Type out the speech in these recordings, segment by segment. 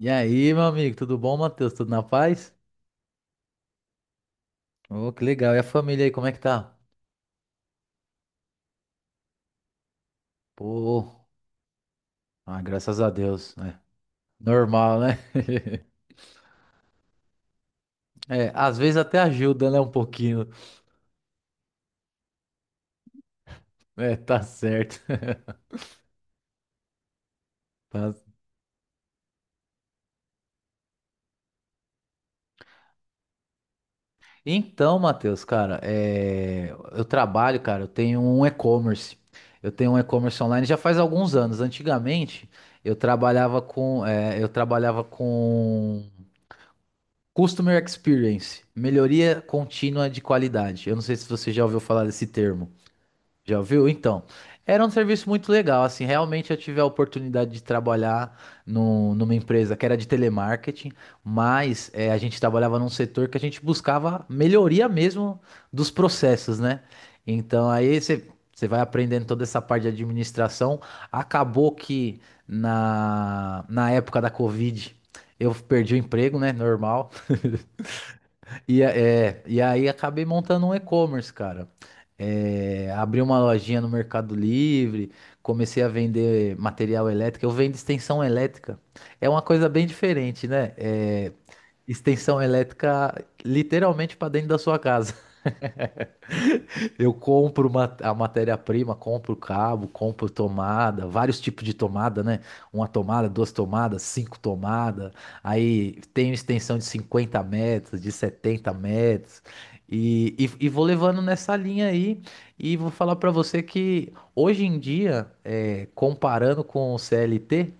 E aí, meu amigo, tudo bom, Matheus? Tudo na paz? Ô, que legal. E a família aí, como é que tá? Pô, graças a Deus, né? Normal, né? É, às vezes até ajuda, né? Um pouquinho. É, tá certo. Tá- Então, Matheus, cara, eu trabalho, cara, eu tenho um e-commerce. Eu tenho um e-commerce online já faz alguns anos. Antigamente, eu trabalhava com Customer Experience, melhoria contínua de qualidade. Eu não sei se você já ouviu falar desse termo. Já ouviu? Então, era um serviço muito legal. Assim, realmente eu tive a oportunidade de trabalhar numa empresa que era de telemarketing, mas a gente trabalhava num setor que a gente buscava melhoria mesmo dos processos, né? Então, aí você vai aprendendo toda essa parte de administração. Acabou que na época da Covid eu perdi o emprego, né? Normal. E aí acabei montando um e-commerce, cara. É, abri uma lojinha no Mercado Livre, comecei a vender material elétrico. Eu vendo extensão elétrica. É uma coisa bem diferente, né? É, extensão elétrica literalmente para dentro da sua casa. Eu compro a matéria-prima, compro cabo, compro tomada, vários tipos de tomada, né? Uma tomada, duas tomadas, cinco tomadas. Aí tenho extensão de 50 metros, de 70 metros. E vou levando nessa linha aí. E vou falar para você que hoje em dia, comparando com o CLT,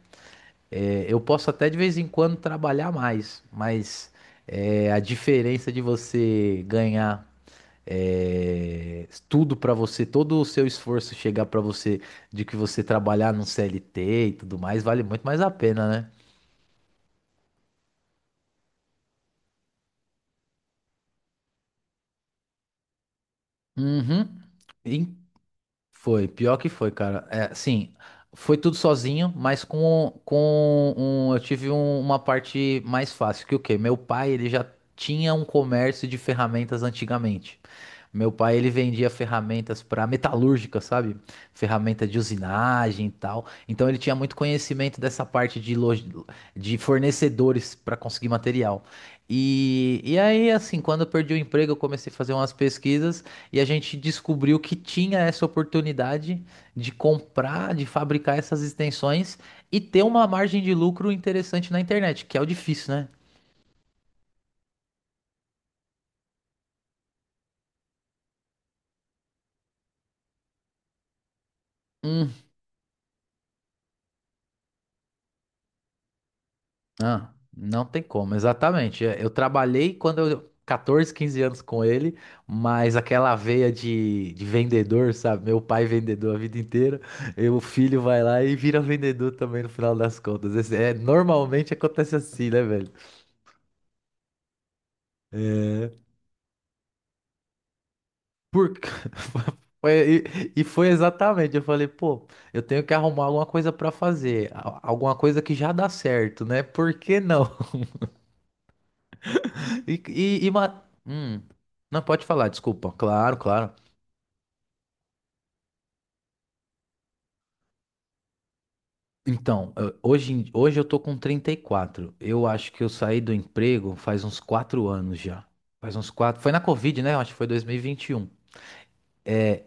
eu posso até de vez em quando trabalhar mais, mas a diferença de você ganhar tudo pra você, todo o seu esforço chegar pra você de que você trabalhar no CLT e tudo mais, vale muito mais a pena, né? Uhum. Foi, pior que foi, cara. É, sim, foi tudo sozinho, mas eu tive uma parte mais fácil, que o quê? Meu pai, ele já tinha um comércio de ferramentas antigamente. Meu pai, ele vendia ferramentas para metalúrgica, sabe? Ferramenta de usinagem e tal. Então ele tinha muito conhecimento dessa parte loja, de fornecedores para conseguir material. E aí, assim, quando eu perdi o emprego, eu comecei a fazer umas pesquisas. E a gente descobriu que tinha essa oportunidade de comprar, de fabricar essas extensões e ter uma margem de lucro interessante na internet, que é o difícil, né? Hum, ah, não tem como, exatamente. É, eu trabalhei quando eu. 14, 15 anos com ele, mas aquela veia de vendedor, sabe? Meu pai vendedor a vida inteira, e o filho vai lá e vira vendedor também no final das contas. Normalmente acontece assim, né, velho? É. Por... foi- e foi exatamente, eu falei, pô, eu tenho que arrumar alguma coisa pra fazer, alguma coisa que já dá certo, né? Por que não? E, e, e ma- Hum, não, pode falar, desculpa. Claro, claro. Então, hoje eu tô com 34. Eu acho que eu saí do emprego faz uns 4 anos já. Faz uns quatro. Foi na Covid, né? Eu acho que foi dois mil e vinte e um.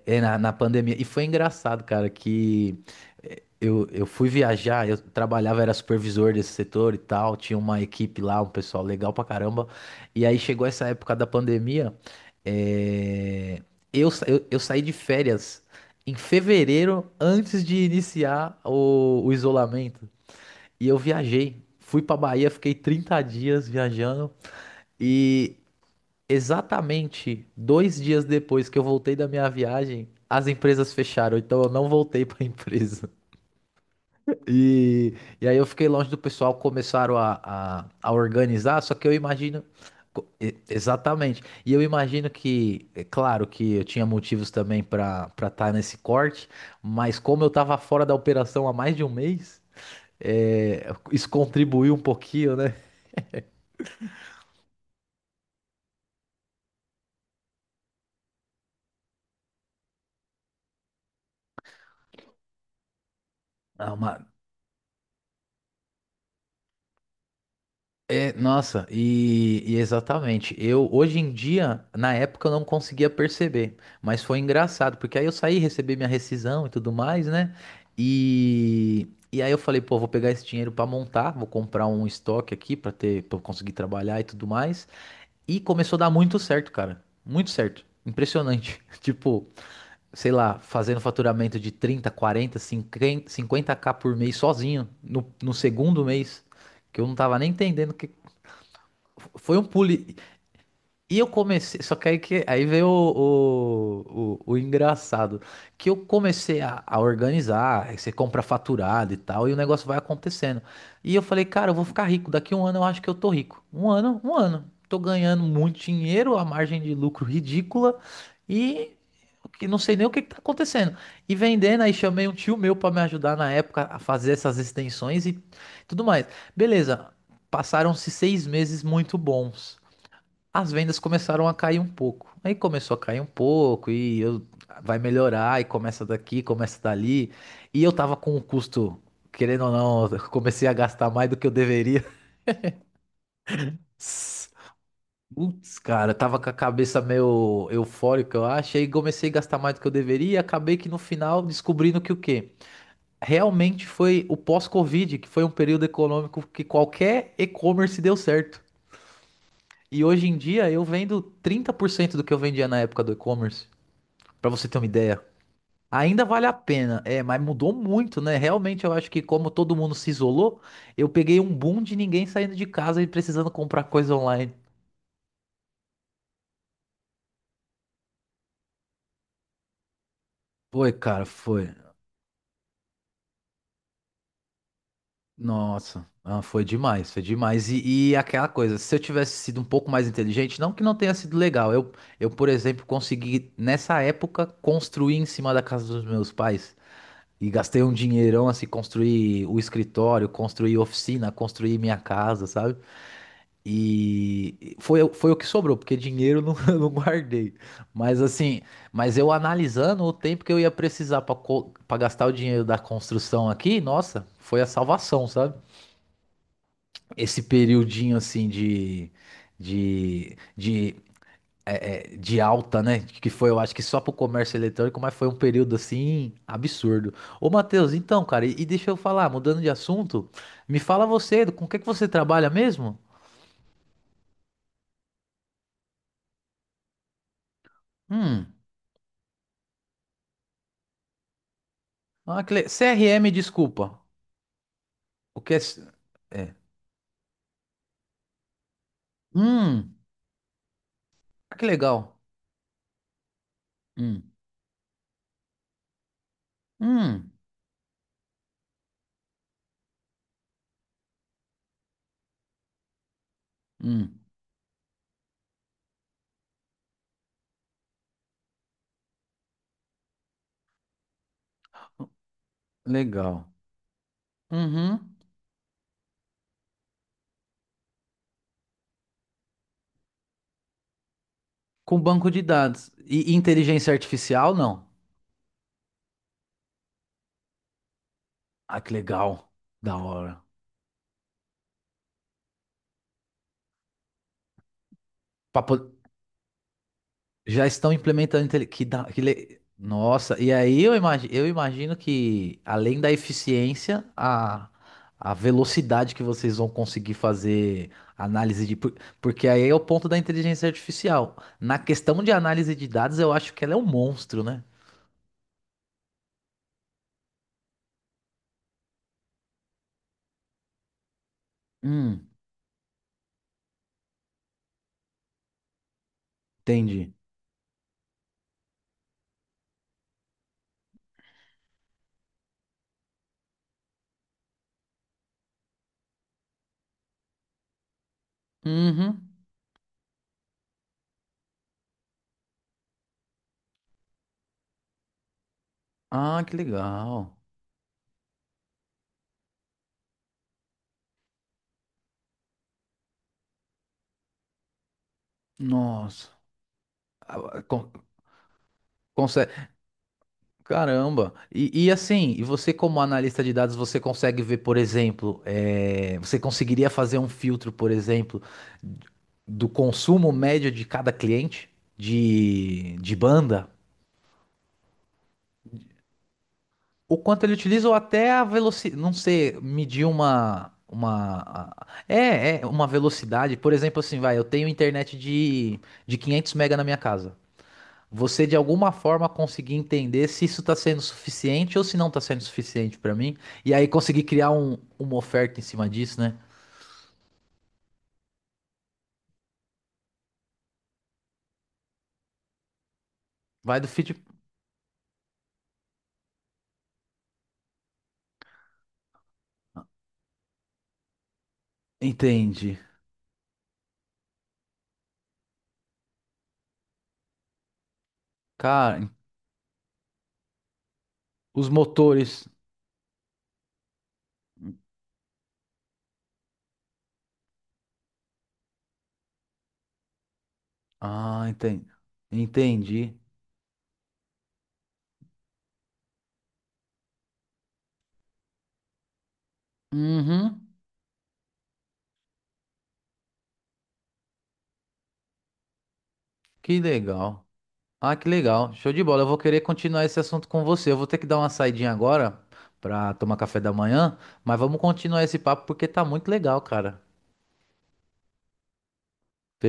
É, na pandemia. E foi engraçado, cara, que eu fui viajar, eu trabalhava, era supervisor desse setor e tal, tinha uma equipe lá, um pessoal legal pra caramba. E aí chegou essa época da pandemia, é, eu saí de férias em fevereiro, antes de iniciar o isolamento. E eu viajei, fui pra Bahia, fiquei 30 dias viajando. E exatamente 2 dias depois que eu voltei da minha viagem, as empresas fecharam, então eu não voltei para a empresa. E, e aí eu fiquei longe do pessoal, começaram a organizar, só que eu imagino. Exatamente. E eu imagino que, é claro que eu tinha motivos também para estar nesse corte, mas como eu estava fora da operação há mais de um mês, é, isso contribuiu um pouquinho, né? a uma- É, nossa, exatamente. Eu hoje em dia, na época, eu não conseguia perceber, mas foi engraçado, porque aí eu saí, recebi minha rescisão e tudo mais, né? E aí eu falei, pô, vou pegar esse dinheiro pra montar, vou comprar um estoque aqui pra ter, para conseguir trabalhar e tudo mais. E começou a dar muito certo, cara. Muito certo. Impressionante. Tipo, sei lá, fazendo faturamento de 30, 40, 50 50k por mês sozinho no segundo mês, que eu não tava nem entendendo o que foi. Um pulo. E eu comecei. Só que, aí veio o engraçado. Que eu comecei a organizar. Aí você compra faturado e tal. E o negócio vai acontecendo. E eu falei, cara, eu vou ficar rico. Daqui um ano eu acho que eu tô rico. Um ano, um ano. Tô ganhando muito dinheiro, a margem de lucro ridícula. E o que não sei nem o que, que tá acontecendo. E vendendo, aí chamei um tio meu para me ajudar na época a fazer essas extensões e tudo mais. Beleza. Passaram-se 6 meses muito bons, as vendas começaram a cair um pouco. Aí começou a cair um pouco e eu vai melhorar, e começa daqui, começa dali. E eu tava com o custo, querendo ou não, eu comecei a gastar mais do que eu deveria. Putz, cara, eu tava com a cabeça meio eufórica, eu acho, e comecei a gastar mais do que eu deveria, e acabei que no final descobrindo que o quê? Realmente foi o pós-Covid, que foi um período econômico que qualquer e-commerce deu certo. E hoje em dia eu vendo 30% do que eu vendia na época do e-commerce. Pra você ter uma ideia. Ainda vale a pena, é, mas mudou muito, né? Realmente eu acho que como todo mundo se isolou, eu peguei um boom de ninguém saindo de casa e precisando comprar coisa online. Foi, cara, foi. Nossa, ah, foi demais, foi demais. E aquela coisa, se eu tivesse sido um pouco mais inteligente, não que não tenha sido legal, eu, por exemplo, consegui nessa época construir em cima da casa dos meus pais. E gastei um dinheirão assim, construir o escritório, construir oficina, construir minha casa, sabe? E foi, foi o que sobrou, porque dinheiro eu não, eu não guardei. Mas assim, mas eu analisando o tempo que eu ia precisar para gastar o dinheiro da construção aqui, nossa, foi a salvação, sabe? Esse periodinho assim de, de, de alta, né? Que foi, eu acho que só pro comércio eletrônico, mas foi um período assim absurdo. Ô, Matheus, então, cara, deixa eu falar, mudando de assunto, me fala você, com o que que você trabalha mesmo? Hum, ah, que CRM, desculpa. O que é. Hum, ah, que legal. Hum, hum, hum, legal. Uhum. Com banco de dados. E inteligência artificial, não? Ah, que legal. Da hora. Pra po- Já estão implementando. Intele- Que da... que le- Nossa, e aí eu imagino que, além da eficiência, a velocidade que vocês vão conseguir fazer análise porque aí é o ponto da inteligência artificial. Na questão de análise de dados, eu acho que ela é um monstro, né? Hum, entendi. Uhum. Ah, que legal. Nossa. Ah, con- Consegue... Caramba. E você como analista de dados, você consegue ver, por exemplo, você conseguiria fazer um filtro, por exemplo, do consumo médio de cada cliente de banda, o quanto ele utiliza ou até a velocidade, não sei, medir é uma velocidade, por exemplo, assim, vai, eu tenho internet de 500 mega na minha casa. Você de alguma forma conseguir entender se isso está sendo suficiente ou se não está sendo suficiente para mim, e aí conseguir criar uma oferta em cima disso, né? Vai do feed. Entendi. Cara, os motores. Ah, entendi. Entendi. Uhum. Que legal. Ah, que legal. Show de bola. Eu vou querer continuar esse assunto com você. Eu vou ter que dar uma saidinha agora para tomar café da manhã, mas vamos continuar esse papo porque tá muito legal, cara. Fechou?